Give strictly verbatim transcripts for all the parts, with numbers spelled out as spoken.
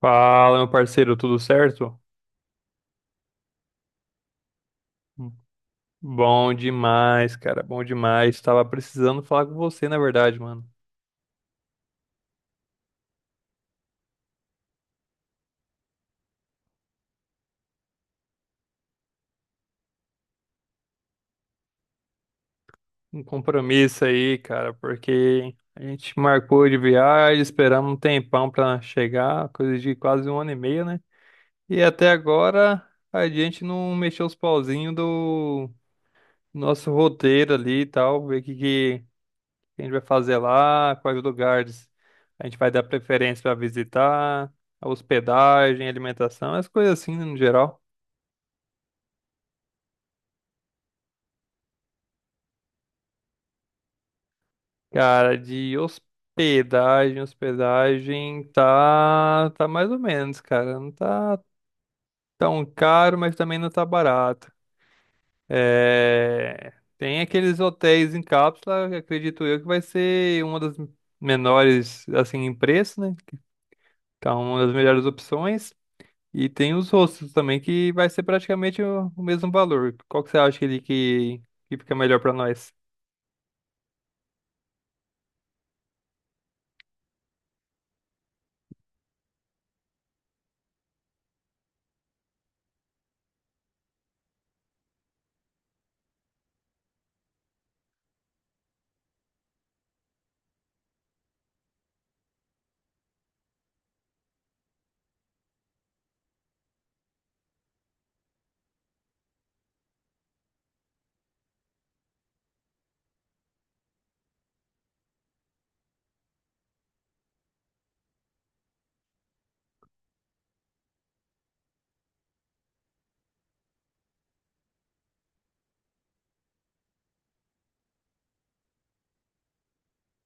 Fala, meu parceiro, tudo certo? Bom demais, cara, bom demais. Tava precisando falar com você, na verdade, mano. Um compromisso aí, cara, porque a gente marcou de viagem, esperamos um tempão pra chegar, coisa de quase um ano e meio, né? E até agora a gente não mexeu os pauzinhos do nosso roteiro ali e tal, ver o que, que a gente vai fazer lá, quais lugares a gente vai dar preferência para visitar, a hospedagem, alimentação, as coisas assim, né, no geral. Cara, de hospedagem, hospedagem tá, tá mais ou menos, cara. Não tá tão caro, mas também não tá barato. É, tem aqueles hotéis em cápsula, que acredito eu que vai ser uma das menores assim em preço, né? Então, uma das melhores opções. E tem os rostos também, que vai ser praticamente o, o mesmo valor. Qual que você acha que ele que, que fica melhor pra nós?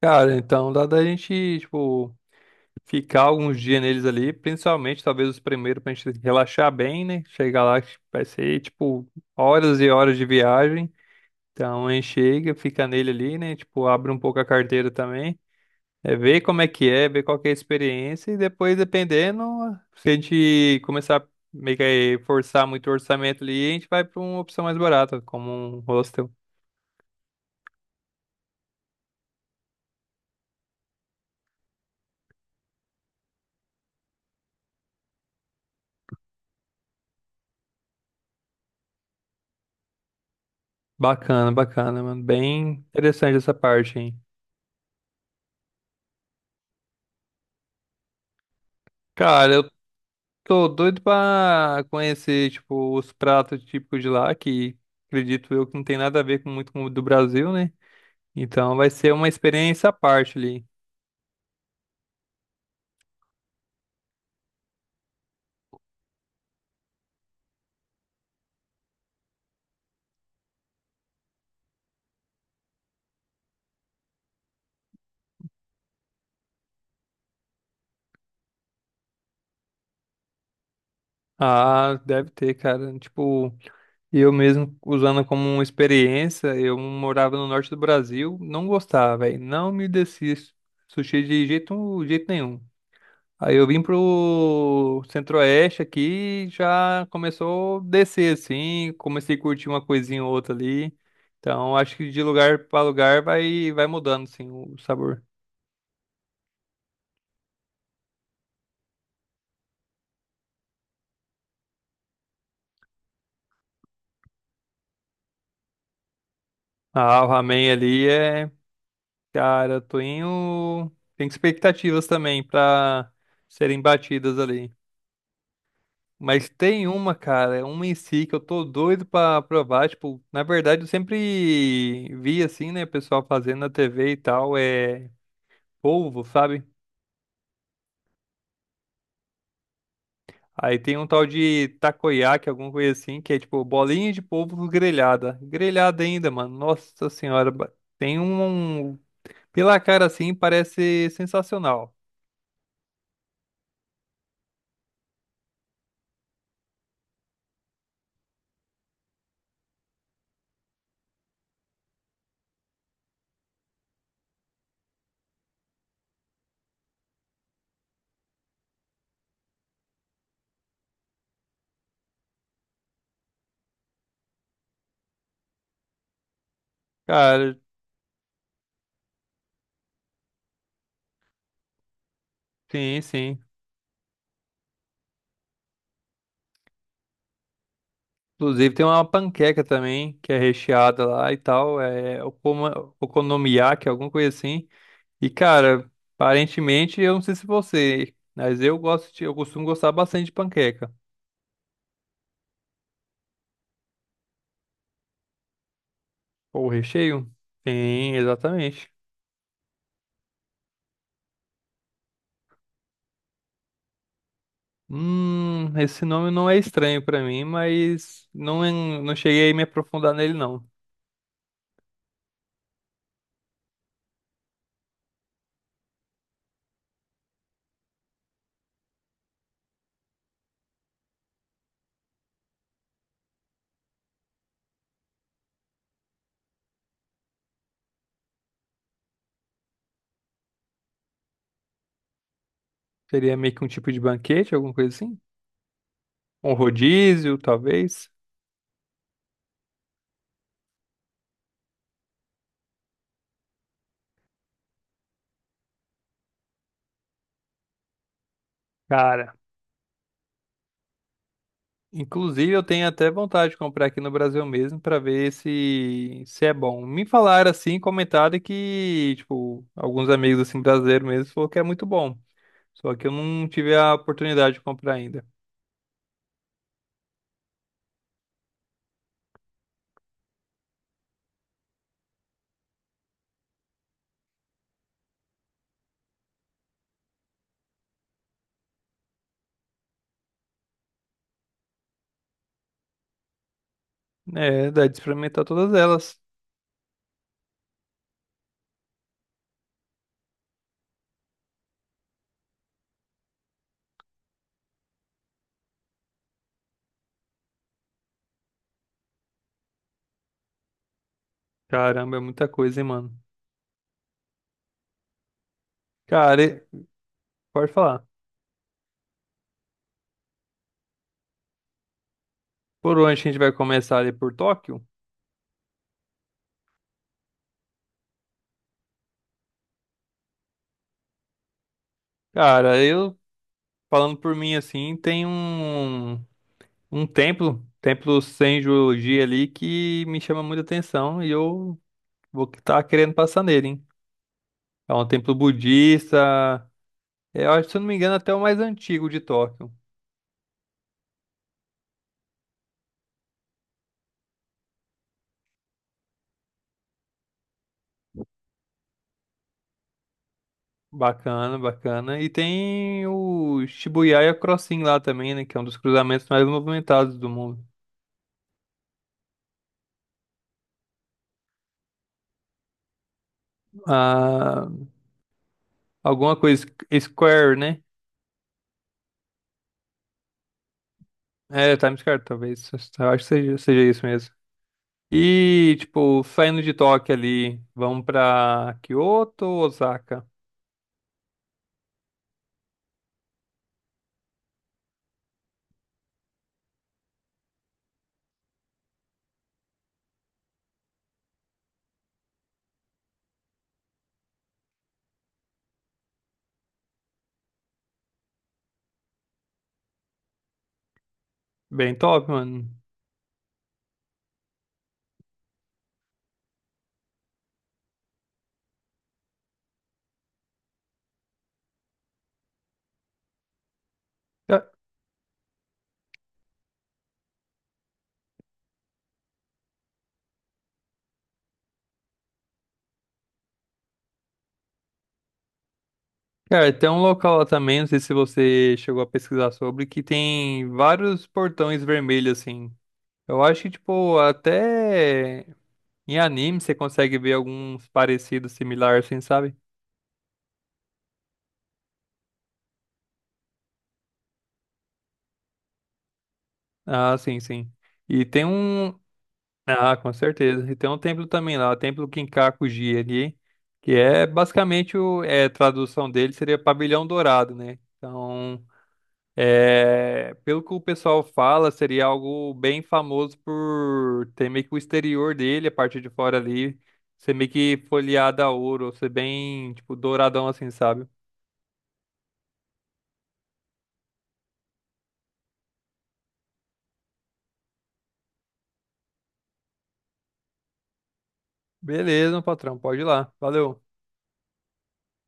Cara, então dá da gente, tipo, ficar alguns dias neles ali, principalmente talvez os primeiros pra gente relaxar bem, né? Chegar lá, que vai ser, tipo, horas e horas de viagem. Então a gente chega, fica nele ali, né? Tipo, abre um pouco a carteira também. É ver como é que é, ver qual que é a experiência e depois, dependendo, se a gente começar meio que a forçar muito o orçamento ali, a gente vai para uma opção mais barata, como um hostel. Bacana, bacana, mano. Bem interessante essa parte, hein? Cara, eu tô doido pra conhecer, tipo, os pratos típicos de lá, que acredito eu que não tem nada a ver com muito com o do Brasil, né? Então vai ser uma experiência à parte ali. Ah, deve ter, cara. Tipo. E eu mesmo usando como uma experiência, eu morava no norte do Brasil, não gostava, velho. Não me descia su- sushi de jeito, jeito nenhum. Aí eu vim pro centro-oeste aqui, já começou a descer assim, comecei a curtir uma coisinha ou outra ali. Então acho que de lugar pra lugar vai vai mudando assim o sabor. Ah, o ramen ali é, cara, eu tô indo... tem expectativas também pra serem batidas ali. Mas tem uma, cara, é uma em si que eu tô doido pra provar. Tipo, na verdade, eu sempre vi assim, né, pessoal fazendo na tê vê e tal, é polvo, sabe? Aí tem um tal de takoyaki, alguma coisa assim, que é tipo bolinha de polvo grelhada. Grelhada ainda, mano. Nossa senhora, ba- tem um. um, pela cara assim, parece sensacional. Cara, sim, sim. Inclusive tem uma panqueca também, que é recheada lá e tal. É okoma- okonomiyaki, alguma coisa assim. E cara, aparentemente, eu não sei se você, mas eu gosto de, eu costumo gostar bastante de panqueca. Ou recheio? Sim, exatamente. Hum, esse nome não é estranho pra mim, mas não, é- não cheguei a me aprofundar nele não. Seria meio que um tipo de banquete, alguma coisa assim? Um rodízio, talvez? Cara, inclusive eu tenho até vontade de comprar aqui no Brasil mesmo pra ver se se é bom. Me falaram assim, comentaram que, tipo, alguns amigos assim brasileiros mesmo falou que é muito bom. Só que eu não tive a oportunidade de comprar ainda. É, dá de experimentar todas elas. Caramba, é muita coisa, hein, mano. Cara, e- pode falar. Por onde a gente vai começar ali por Tóquio? Cara, eu, falando por mim assim, tem um, um templo, templo Senju-ji ali, que me chama muita atenção e eu vou estar querendo passar nele, hein? É um templo budista, é, eu acho, se eu não me engano, até o mais antigo de Tóquio. Bacana, bacana. E tem o Shibuya Crossing lá também, né? Que é um dos cruzamentos mais movimentados do mundo. Ah, alguma coisa. Square, né? É, Times Square, talvez. Eu acho que seja, seja isso mesmo. E, tipo, saindo de Tóquio ali, vamos pra Kyoto ou Osaka? Bem top, mano. Ca- Cara, tem um local lá também, não sei se você chegou a pesquisar sobre, que tem vários portões vermelhos, assim. Eu acho que, tipo, até. Em anime, você consegue ver alguns parecidos, similares, assim, sabe? Ah, sim, sim. E tem um. Ah, com certeza. E tem um templo também lá, o Templo Kinkaku-ji ali, que é basicamente o. É, a tradução dele seria Pavilhão Dourado, né? Então, é, pelo que o pessoal fala, seria algo bem famoso por ter meio que o exterior dele, a parte de fora ali, ser meio que folheada a ouro, ser bem, tipo, douradão assim, sabe? Beleza, meu patrão, pode ir lá. Valeu.